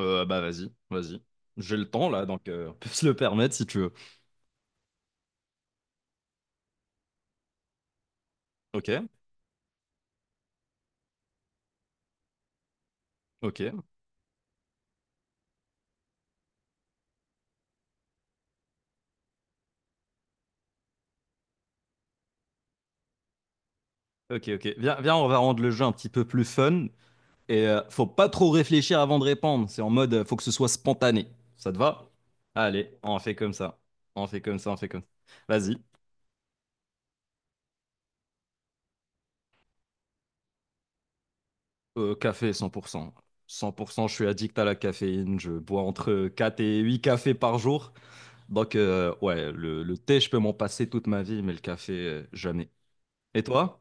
Bah vas-y, vas-y. J'ai le temps là, donc on peut se le permettre si tu veux. Ok, ok, ok, ok. Viens, viens, on va rendre le jeu un petit peu plus fun. Et faut pas trop réfléchir avant de répondre. C'est en mode, faut que ce soit spontané. Ça te va? Allez, on fait comme ça. On fait comme ça, on fait comme ça. Vas-y. Café cent pour cent, je suis addict à la caféine. Je bois entre 4 et 8 cafés par jour. Donc, ouais, le thé, je peux m'en passer toute ma vie, mais le café, jamais. Et toi?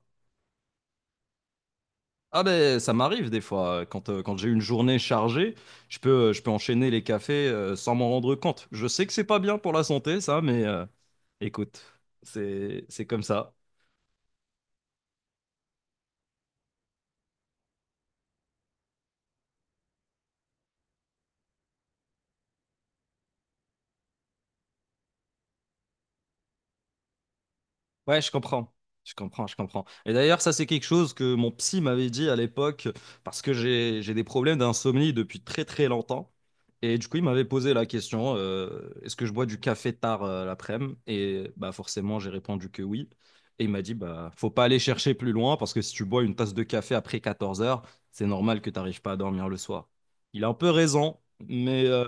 Ah ben ça m'arrive des fois, quand j'ai une journée chargée, je peux enchaîner les cafés sans m'en rendre compte. Je sais que c'est pas bien pour la santé ça, mais écoute, c'est comme ça. Ouais, je comprends. Je comprends, je comprends. Et d'ailleurs, ça, c'est quelque chose que mon psy m'avait dit à l'époque, parce que j'ai des problèmes d'insomnie depuis très, très longtemps. Et du coup, il m'avait posé la question, est-ce que je bois du café tard l'après-midi? Et bah, forcément, j'ai répondu que oui. Et il m'a dit, bah, faut pas aller chercher plus loin, parce que si tu bois une tasse de café après 14 heures, c'est normal que tu n'arrives pas à dormir le soir. Il a un peu raison, mais, euh,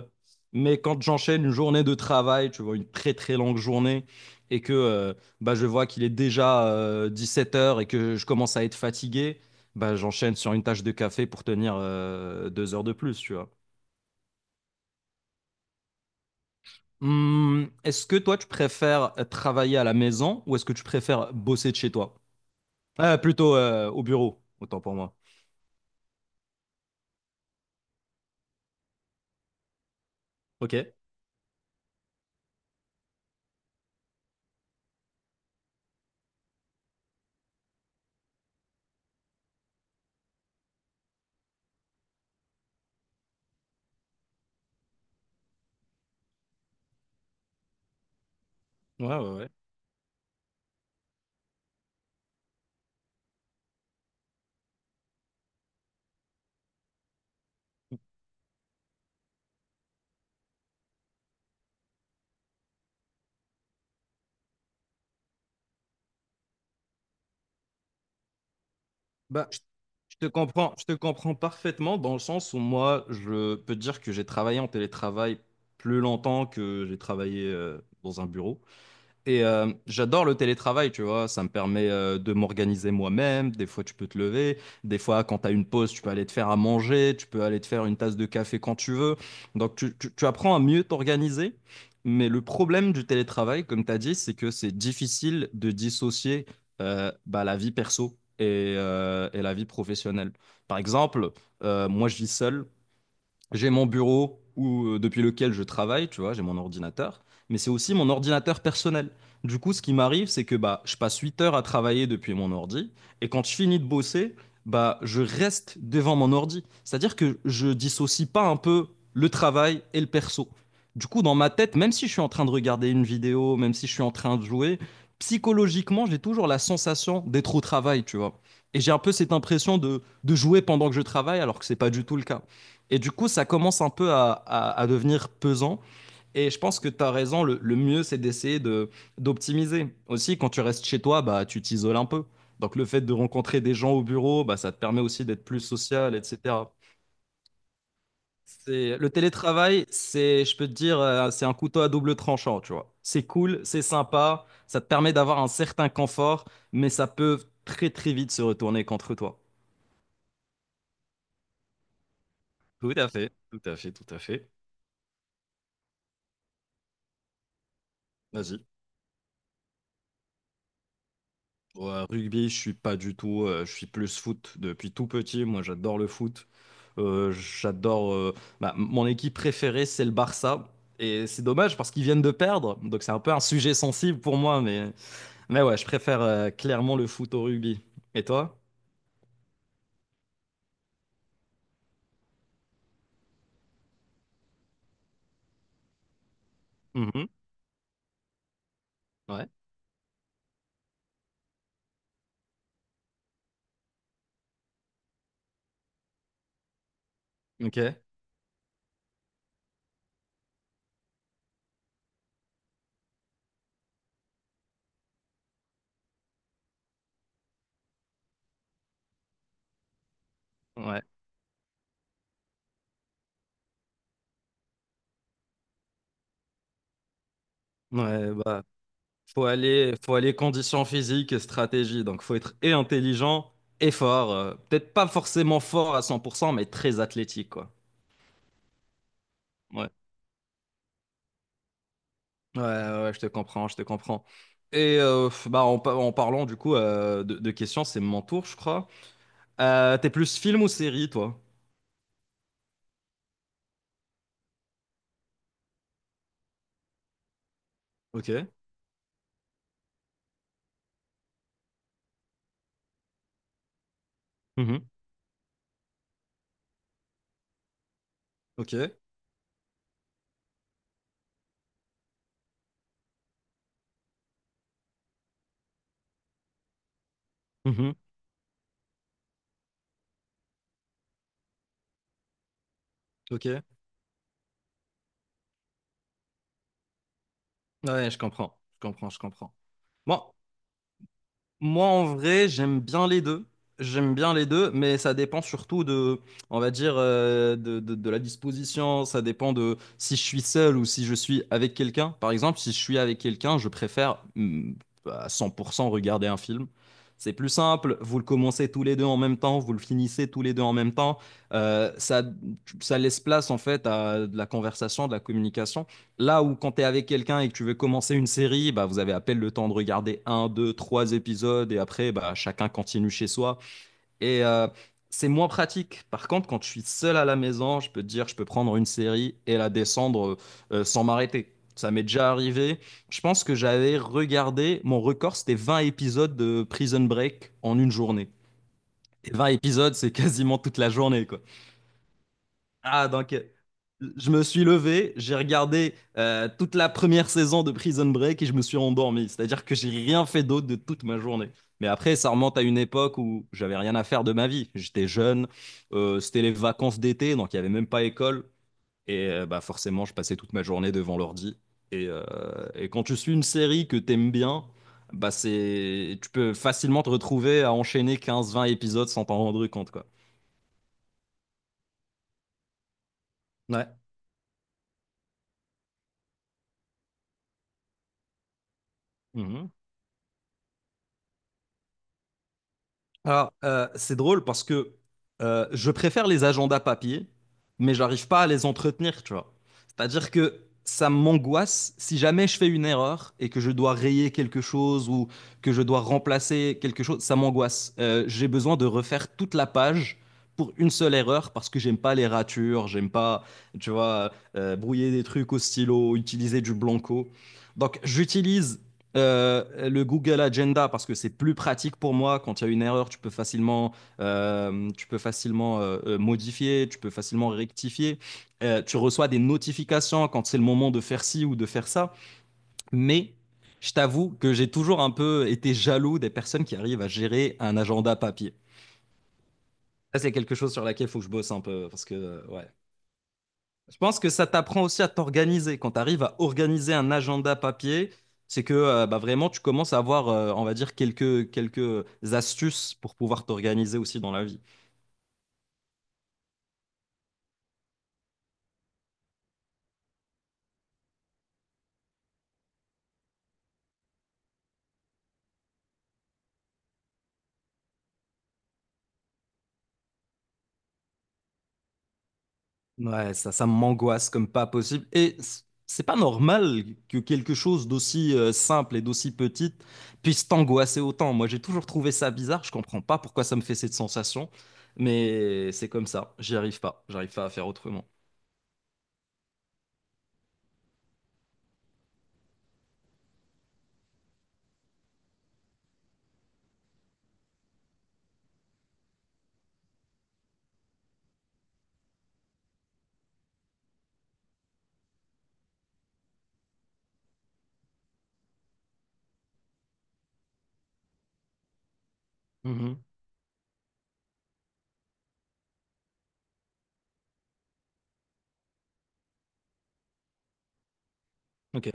mais quand j'enchaîne une journée de travail, tu vois, une très, très longue journée, et que bah, je vois qu'il est déjà 17 heures et que je commence à être fatigué, bah, j'enchaîne sur une tasse de café pour tenir 2 heures de plus, tu vois. Est-ce que toi, tu préfères travailler à la maison ou est-ce que tu préfères bosser de chez toi? Ah, plutôt au bureau, autant pour moi. Ok, ouais, ouais, ouais. Bah, je te comprends, je te comprends parfaitement dans le sens où moi, je peux te dire que j'ai travaillé en télétravail plus longtemps que j'ai travaillé dans un bureau. Et j'adore le télétravail, tu vois, ça me permet de m'organiser moi-même. Des fois, tu peux te lever. Des fois, quand tu as une pause, tu peux aller te faire à manger, tu peux aller te faire une tasse de café quand tu veux. Donc, tu apprends à mieux t'organiser. Mais le problème du télétravail, comme tu as dit, c'est que c'est difficile de dissocier bah, la vie perso et la vie professionnelle. Par exemple, moi, je vis seul. J'ai mon bureau où, depuis lequel je travaille, tu vois, j'ai mon ordinateur, mais c'est aussi mon ordinateur personnel. Du coup, ce qui m'arrive, c'est que bah, je passe 8 heures à travailler depuis mon ordi, et quand je finis de bosser, bah, je reste devant mon ordi. C'est-à-dire que je dissocie pas un peu le travail et le perso. Du coup, dans ma tête, même si je suis en train de regarder une vidéo, même si je suis en train de jouer, psychologiquement, j'ai toujours la sensation d'être au travail, tu vois. Et j'ai un peu cette impression de jouer pendant que je travaille, alors que c'est pas du tout le cas. Et du coup, ça commence un peu à devenir pesant. Et je pense que tu as raison, le mieux, c'est d'essayer d'optimiser. Aussi, quand tu restes chez toi, bah, tu t'isoles un peu. Donc, le fait de rencontrer des gens au bureau, bah, ça te permet aussi d'être plus social, etc. C'est, le télétravail, c'est, je peux te dire, c'est un couteau à double tranchant, tu vois. C'est cool, c'est sympa, ça te permet d'avoir un certain confort, mais ça peut très, très vite se retourner contre toi. Tout à fait, tout à fait, tout à fait. Vas-y. Ouais, rugby, je suis pas du tout. Je suis plus foot depuis tout petit. Moi, j'adore le foot. J'adore. Bah, mon équipe préférée, c'est le Barça. Et c'est dommage parce qu'ils viennent de perdre. Donc, c'est un peu un sujet sensible pour moi. Mais, ouais, je préfère clairement le foot au rugby. Et toi? Mhm. Ouais. Ok. Ouais. Ouais, bah, faut aller condition physique et stratégie. Donc, faut être et intelligent et fort. Peut-être pas forcément fort à 100%, mais très athlétique, quoi. Ouais. Ouais, ouais, ouais, je te comprends, je te comprends. Et bah, en parlant du coup de questions, c'est mon tour, je crois. T'es plus film ou série, toi? Ok. Mhm. Ok. Mhm. Ok. Ouais, je comprends, je comprends, je comprends. Bon, moi, en vrai, j'aime bien les deux. J'aime bien les deux, mais ça dépend surtout de, on va dire, de la disposition. Ça dépend de si je suis seul ou si je suis avec quelqu'un. Par exemple, si je suis avec quelqu'un, je préfère à 100% regarder un film. C'est plus simple. Vous le commencez tous les deux en même temps, vous le finissez tous les deux en même temps. Euh, ça, ça laisse place en fait à de la conversation, de la communication. Là où quand tu es avec quelqu'un et que tu veux commencer une série, bah, vous avez à peine le temps de regarder un, deux, trois épisodes et après, bah, chacun continue chez soi. Et c'est moins pratique. Par contre, quand je suis seul à la maison, je peux te dire, je peux prendre une série et la descendre sans m'arrêter. Ça m'est déjà arrivé. Je pense que j'avais regardé, mon record, c'était 20 épisodes de Prison Break en une journée. Et 20 épisodes, c'est quasiment toute la journée, quoi. Ah, donc, je me suis levé, j'ai regardé toute la première saison de Prison Break et je me suis endormi. C'est-à-dire que j'ai rien fait d'autre de toute ma journée. Mais après, ça remonte à une époque où j'avais rien à faire de ma vie. J'étais jeune, c'était les vacances d'été, donc il n'y avait même pas école. Et bah, forcément, je passais toute ma journée devant l'ordi. Et, euh, et quand tu suis une série que t'aimes bien, bah tu peux facilement te retrouver à enchaîner 15, 20 épisodes sans t'en rendre compte, quoi. Ouais. Alors, c'est drôle parce que je préfère les agendas papier, mais j'arrive pas à les entretenir, tu vois. C'est-à-dire que ça m'angoisse si jamais je fais une erreur et que je dois rayer quelque chose ou que je dois remplacer quelque chose, ça m'angoisse. J'ai besoin de refaire toute la page pour une seule erreur parce que j'aime pas les ratures, j'aime pas, tu vois, brouiller des trucs au stylo, utiliser du blanco. Donc, j'utilise euh, le Google Agenda parce que c'est plus pratique pour moi. Quand il y a une erreur, tu peux facilement, modifier, tu peux facilement rectifier. Tu reçois des notifications quand c'est le moment de faire ci ou de faire ça. Mais je t'avoue que j'ai toujours un peu été jaloux des personnes qui arrivent à gérer un agenda papier. Ça, c'est quelque chose sur laquelle il faut que je bosse un peu parce que, ouais, je pense que ça t'apprend aussi à t'organiser. Quand tu arrives à organiser un agenda papier, c'est que bah, vraiment tu commences à avoir, on va dire, quelques astuces pour pouvoir t'organiser aussi dans la vie. Ouais, ça m'angoisse comme pas possible. Et c'est pas normal que quelque chose d'aussi simple et d'aussi petit puisse t'angoisser autant. Moi, j'ai toujours trouvé ça bizarre. Je comprends pas pourquoi ça me fait cette sensation, mais c'est comme ça. J'y arrive pas. J'arrive pas à faire autrement. Mhm. Ok.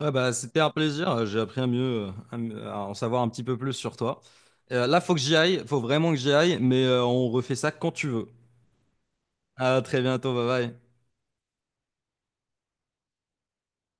Ouais, bah, c'était un plaisir. J'ai appris à mieux, à en savoir un petit peu plus sur toi. Là, faut que j'y aille. Faut vraiment que j'y aille, mais on refait ça quand tu veux. À très bientôt. Bye bye.